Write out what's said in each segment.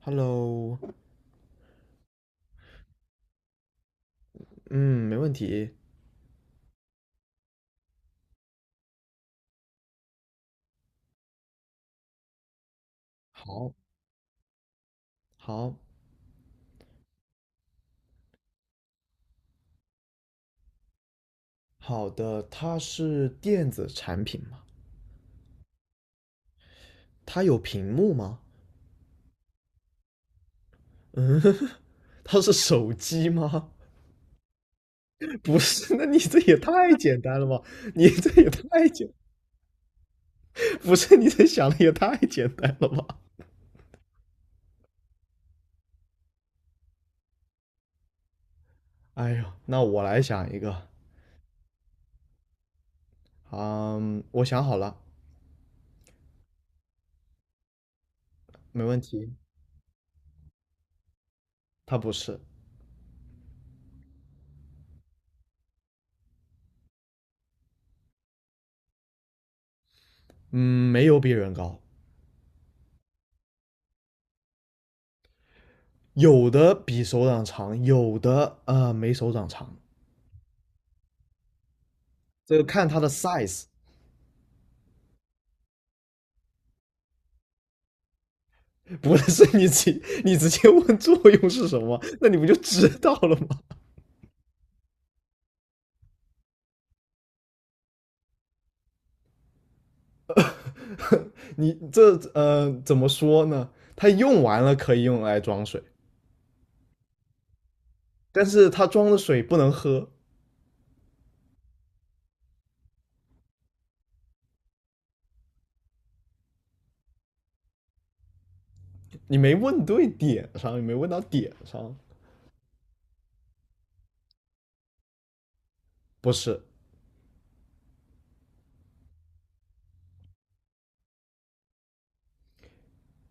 Hello，嗯，没问题。好，好，好的，它是电子产品吗？它有屏幕吗？嗯，它是手机吗？不是，那你这也太简单了吧？你这也太简，不是，你这想的也太简单了吧？哎呦，那我来想一个。嗯，我想好了，没问题。它不是，嗯，没有比人高，有的比手掌长，有的没手掌长。这个看它的 size。不是， 你直接问作用是什么，那你不就知道了吗？你这怎么说呢？它用完了可以用来装水，但是它装的水不能喝。你没问对点上，你没问到点上。不是，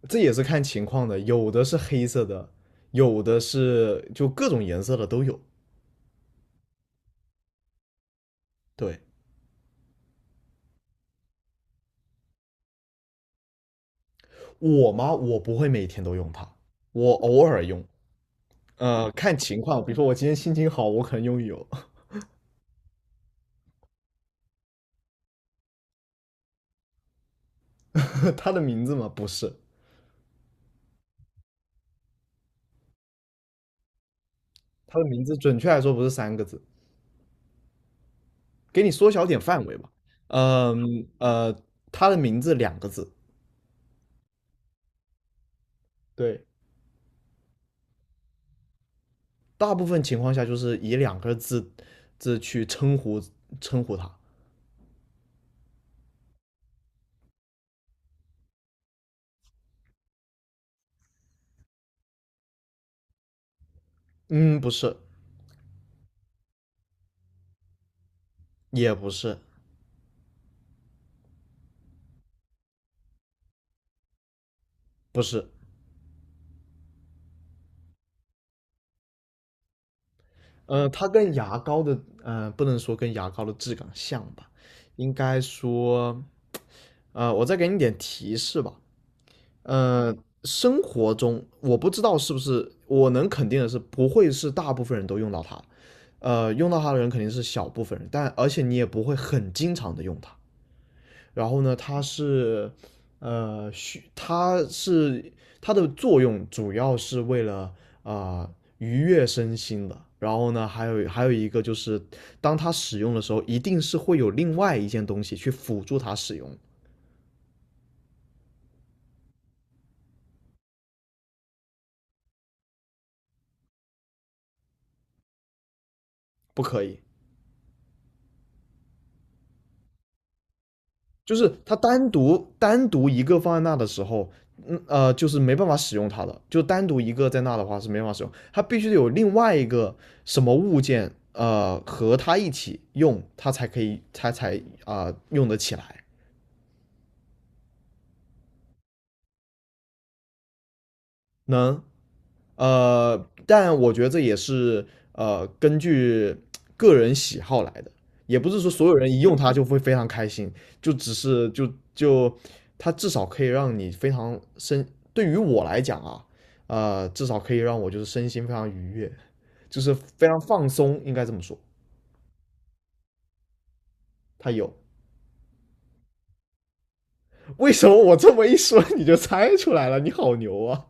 这也是看情况的，有的是黑色的，有的是就各种颜色的都有。对。我吗？我不会每天都用它，我偶尔用，看情况，比如说我今天心情好，我可能用一用。他的名字吗？不是，他的名字准确来说不是三个字，给你缩小点范围吧。嗯呃，他的名字两个字，对，大部分情况下就是以两个字去称呼他。嗯，不是，也不是，是。它跟牙膏的，不能说跟牙膏的质感像吧，应该说，我再给你点提示吧。呃，生活中我不知道是不是，我能肯定的是，不会是大部分人都用到它，用到它的人肯定是小部分人，但而且你也不会很经常的用它。然后呢，它是，呃，需它是它的作用主要是为了啊、呃愉悦身心的。然后呢，还有一个就是，当它使用的时候，一定是会有另外一件东西去辅助它使用。不可以。就是它单独一个放在那的时候，就是没办法使用它的，就单独一个在那的话是没办法使用，它必须得有另外一个什么物件和它一起用，它才可以用得起来。能。呃，但我觉得这也是根据个人喜好来的，也不是说所有人一用它就会非常开心，就只是它至少可以让你非常身，对于我来讲啊，至少可以让我就是身心非常愉悦，就是非常放松，应该这么说。它有。为什么我这么一说你就猜出来了？你好牛啊！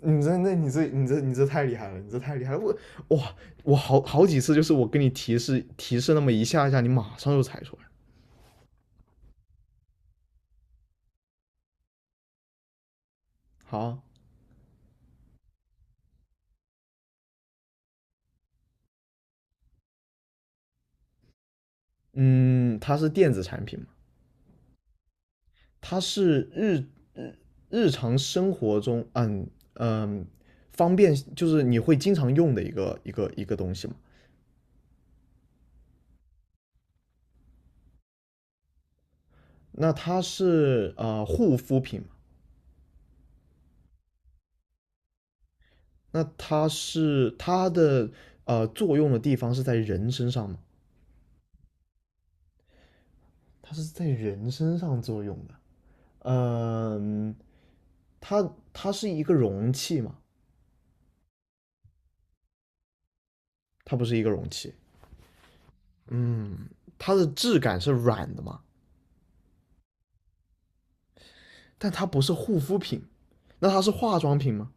你这太厉害了，你这太厉害了！哇，我好好几次就是我跟你提示那么一下下，你马上就猜出来。好，嗯，它是电子产品嘛？它是日日常生活中，方便就是你会经常用的一个东西嘛？那它是护肤品嘛？那它是作用的地方是在人身上吗？它是在人身上作用的。嗯，呃它是一个容器嘛？它不是一个容器。嗯，它的质感是软的嘛？但它不是护肤品，那它是化妆品吗？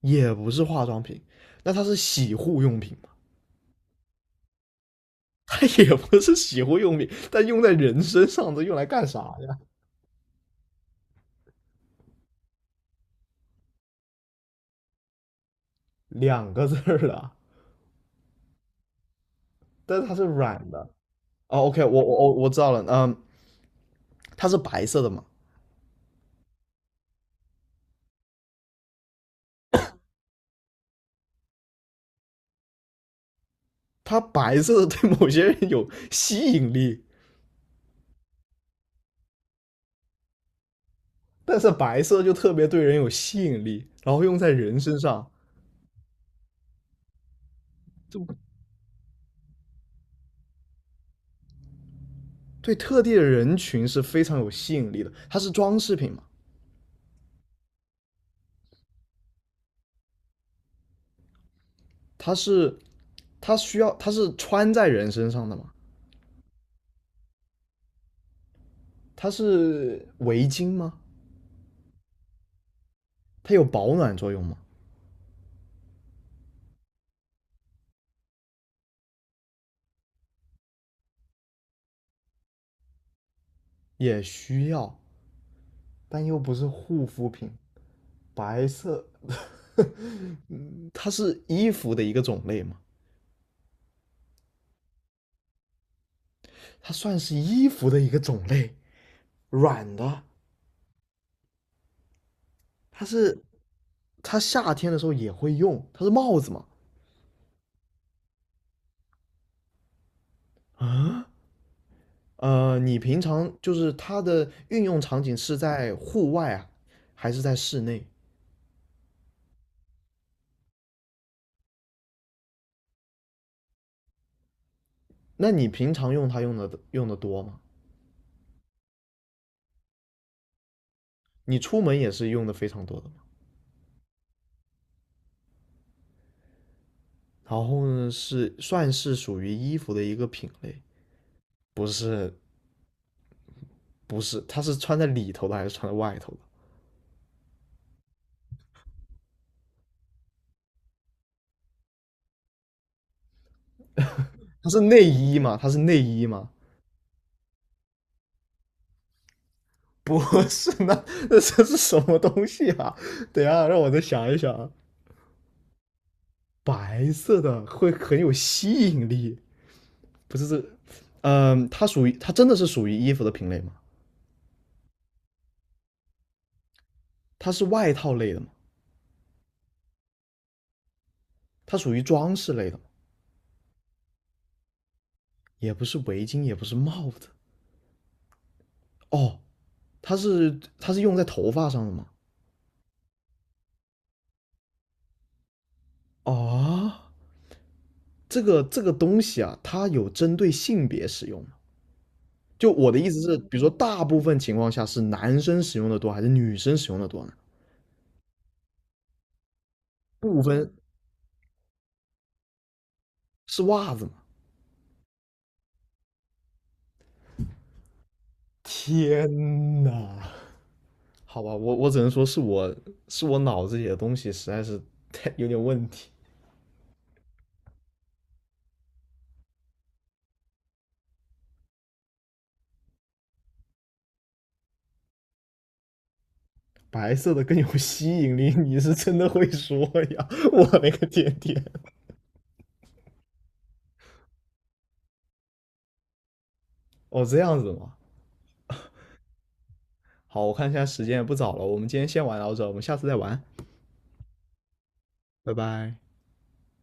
也不是化妆品，那它是洗护用品吗？它也不是洗护用品，但用在人身上，的用来干啥呀？两个字儿了，但是它是软的。哦，OK，我知道了。嗯，它是白色的嘛？它白色的对某些人有吸引力，但是白色就特别对人有吸引力，然后用在人身上，就对特定的人群是非常有吸引力的。它是装饰品嘛？它是它需要它是穿在人身上的嘛？它是围巾吗？它有保暖作用吗？也需要，但又不是护肤品。白色， 嗯它是衣服的一个种类嘛？它算是衣服的一个种类，软的。它是它夏天的时候也会用，它是帽子嘛？啊，你平常就是它的运用场景是在户外啊，还是在室内？那你平常用它用的多吗？你出门也是用的非常多的吗？然后呢，是算是属于衣服的一个品类。不是不是，它是穿在里头的还是穿在外头的？它是内衣吗？它是内衣吗？不是，那这是什么东西啊？等一下，让我再想一想啊。白色的会很有吸引力，不是这。嗯，它属于它真的是属于衣服的品类吗？它是外套类的吗？它属于装饰类的吗？也不是围巾，也不是帽子。哦，它是它是用在头发上的吗？哦，这个东西啊，它有针对性别使用吗？就我的意思是，比如说大部分情况下是男生使用的多还是女生使用的多呢？不分。是袜子吗？天呐！好吧，我只能说是我脑子里的东西实在是太有点问题。白色的更有吸引力，你是真的会说呀！我那个天天，哦，这样子吗？好，我看一下时间也不早了，我们今天先玩到这，我们下次再玩，拜拜。